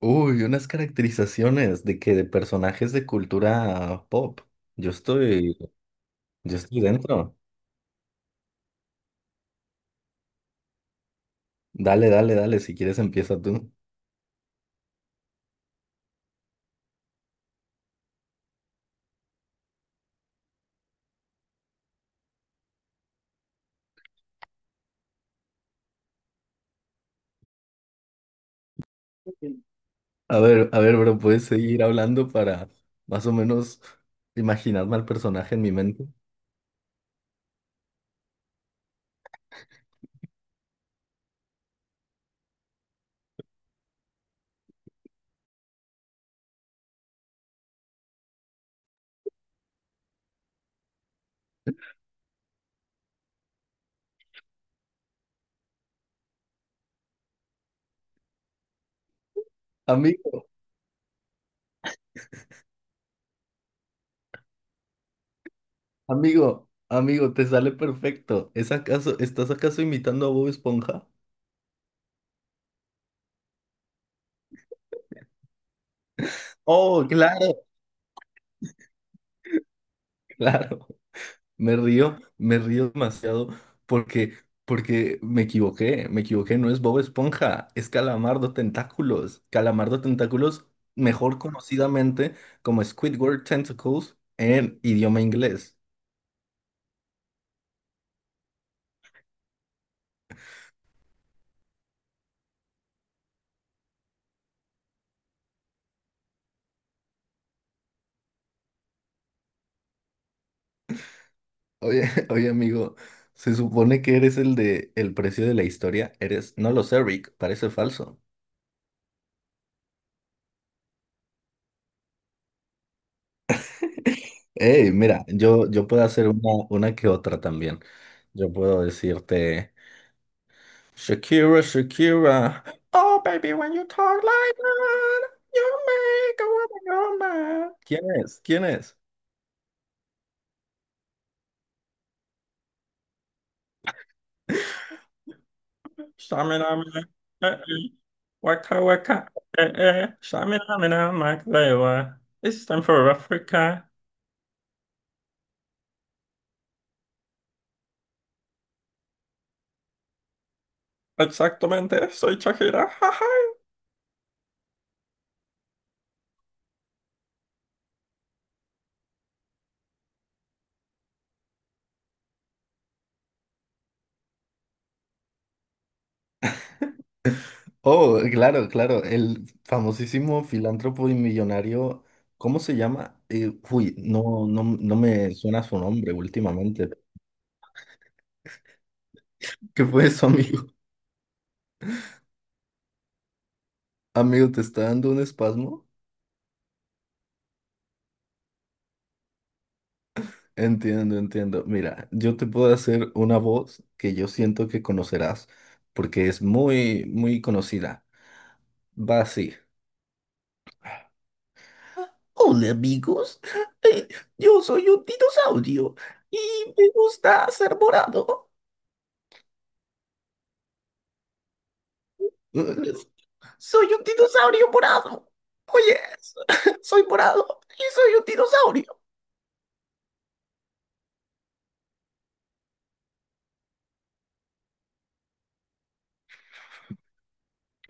Uy, unas caracterizaciones de que de personajes de cultura pop. Yo estoy, yo estoy dentro. Dale, dale, dale, si quieres empieza tú. A ver, bro, ¿puedes seguir hablando para más o menos imaginarme al personaje en mi mente? Amigo, amigo, amigo, te sale perfecto. ¿Es acaso, estás acaso imitando a Bob Esponja? Oh, claro, claro. Me río demasiado porque, porque me equivoqué, no es Bob Esponja, es Calamardo Tentáculos. Calamardo Tentáculos, mejor conocidamente como Squidward Tentacles en idioma inglés. Oye, oye amigo, se supone que eres el de El precio de la historia, eres, no lo sé, Rick, parece falso. Hey, mira, yo puedo hacer una que otra también. Yo puedo decirte. Shakira, Shakira. Oh, baby, when you talk like that, you make a woman go mad. ¿Quién es? ¿Quién es? Shaminama, eh, eh, Waka, waka, shaminama, waka. Esa. Exactamente, soy Shakira. Jaja. Oh, claro, claro. El famosísimo filántropo y millonario. ¿Cómo se llama? No, no, no me suena su nombre últimamente. ¿Qué fue eso, amigo? Amigo, ¿te está dando un espasmo? Entiendo, entiendo. Mira, yo te puedo hacer una voz que yo siento que conocerás porque es muy, muy conocida. Va así. Hola amigos, Eh, yo soy un dinosaurio y me gusta ser morado. Soy un dinosaurio morado. Oye, soy morado y soy un dinosaurio.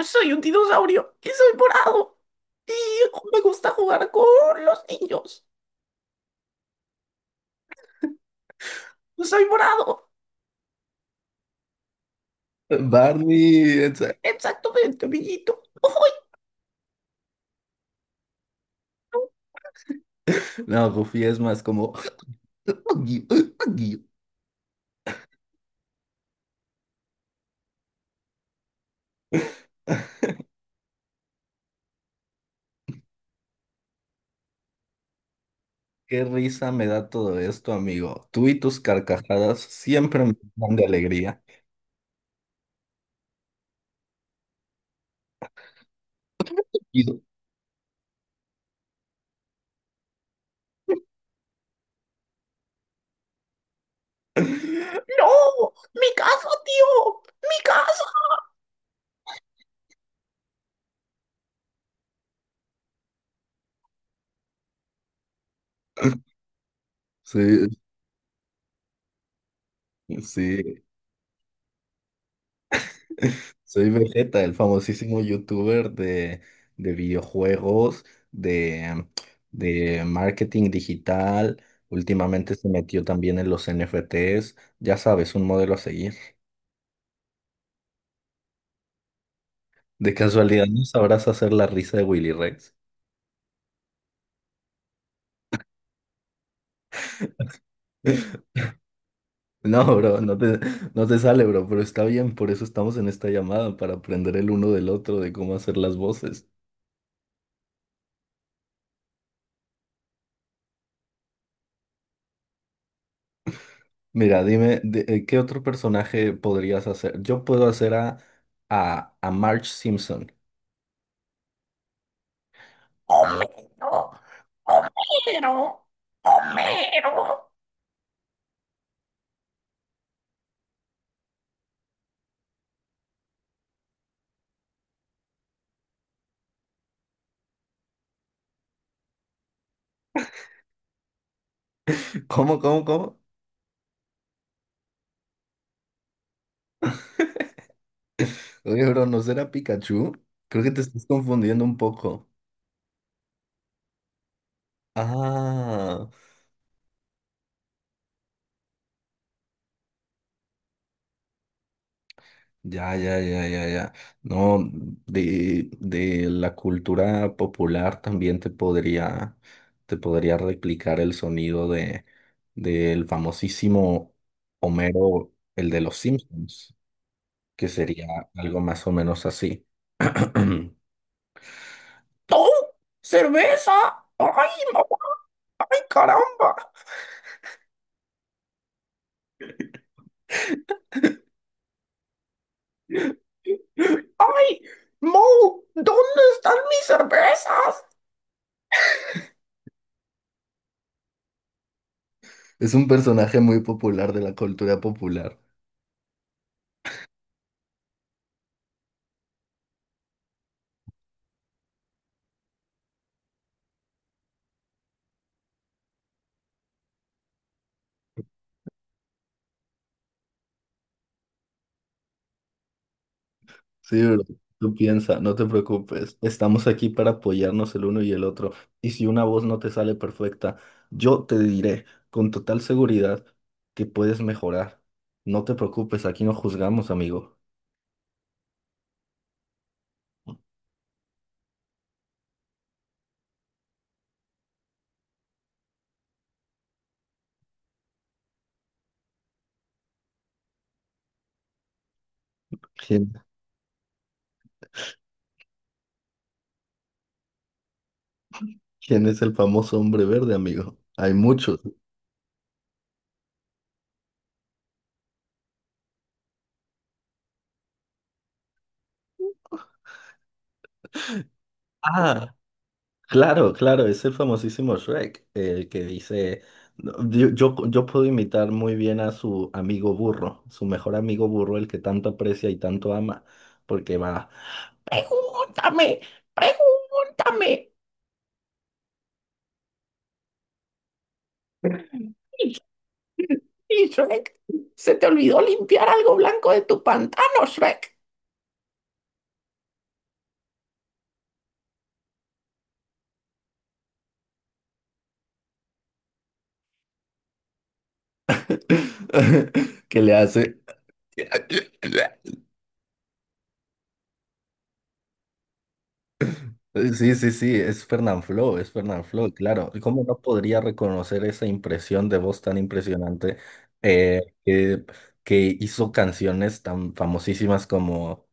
Soy un dinosaurio y soy morado. Y me gusta jugar con los niños. Soy morado. Barney, exactamente, amiguito. Uy. No, Goofy es más como... "Uy, uy, uy". Qué risa me da todo esto, amigo. Tú y tus carcajadas siempre me dan de alegría. Y- ¡No! ¡Mi casa, tío! ¡Mi casa! Sí, sí. Soy Vegeta, el famosísimo youtuber de videojuegos, de, de marketing digital. Últimamente se metió también en los NFTs. Ya sabes, un modelo a seguir. De casualidad, ¿no sabrás hacer la risa de Willy Rex? No, bro, no te sale, bro, pero está bien, por eso estamos en esta llamada, para aprender el uno del otro de cómo hacer las voces. Mira, dime, ¿qué otro personaje podrías hacer? Yo puedo hacer a Marge Simpson. ¿Cómo? Oye, bro, ¿no será Pikachu? Creo que te estás confundiendo un poco. Ah, ya, ya, ya, ya, ya. No, de la cultura popular también te podría replicar el sonido del famosísimo Homero, el de los Simpsons. Que sería algo más o menos así. ¡Oh! ¡Cerveza! ¡Ay, mamá! ¡Ay, caramba! ¡Ay! ¡Mo! ¿Dónde están mis cervezas? Es un personaje muy popular de la cultura popular. Sí, bro. Tú piensa, no te preocupes. Estamos aquí para apoyarnos el uno y el otro. Y si una voz no te sale perfecta, yo te diré con total seguridad que puedes mejorar. No te preocupes, aquí no juzgamos, amigo. ¿Quién, ¿quién es el famoso hombre verde, amigo? Hay muchos. Ah, claro, claro, es el famosísimo Shrek, el que dice, no, yo puedo imitar muy bien a su amigo burro, su mejor amigo burro, el que tanto aprecia y tanto ama, porque va, pregúntame, pregúntame. Y y Shrek, se te olvidó limpiar algo blanco de tu pantano, Shrek. ¿Que le hace? Sí, sí, sí, es Fernanfloo, claro. ¿Cómo no podría reconocer esa impresión de voz tan impresionante eh, que, que hizo canciones tan famosísimas como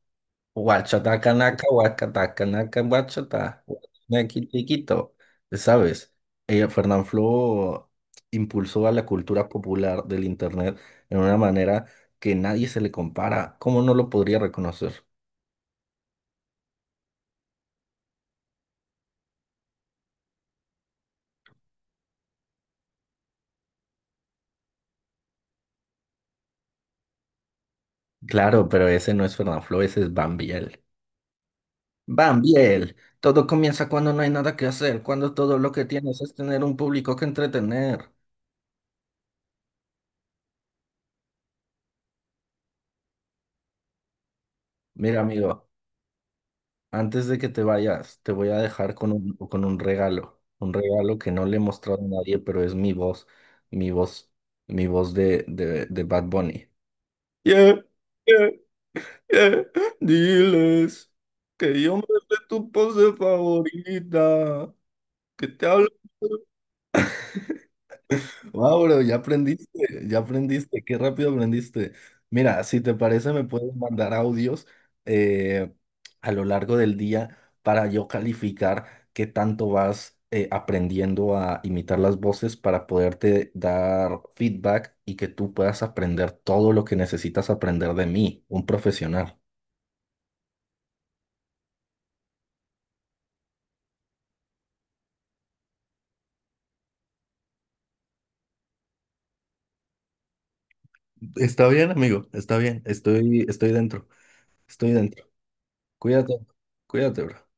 Huachatacanaka, Huacatacanaka, Huachata, Huachinequitiquito, ¿sabes? Fernanfloo impulsó a la cultura popular del Internet en una manera que nadie se le compara. ¿Cómo no lo podría reconocer? Claro, pero ese no es Fernanfloo, ese es Bambiel. Van bien, todo comienza cuando no hay nada que hacer, cuando todo lo que tienes es tener un público que entretener. Mira, amigo, antes de que te vayas, te voy a dejar con un regalo que no le he mostrado a nadie, pero es mi voz, mi voz, mi voz de Bad Bunny. Yeah, yeah, yeah. Diles que yo me sé tu pose favorita, que te hablo. Wow, bro, ya aprendiste, qué rápido aprendiste. Mira, si te parece, me puedes mandar audios eh, a lo largo del día para yo calificar qué tanto vas aprendiendo a imitar las voces para poderte dar feedback y que tú puedas aprender todo lo que necesitas aprender de mí, un profesional. Está bien, amigo, está bien, estoy dentro, estoy dentro. Cuídate, cuídate, bro.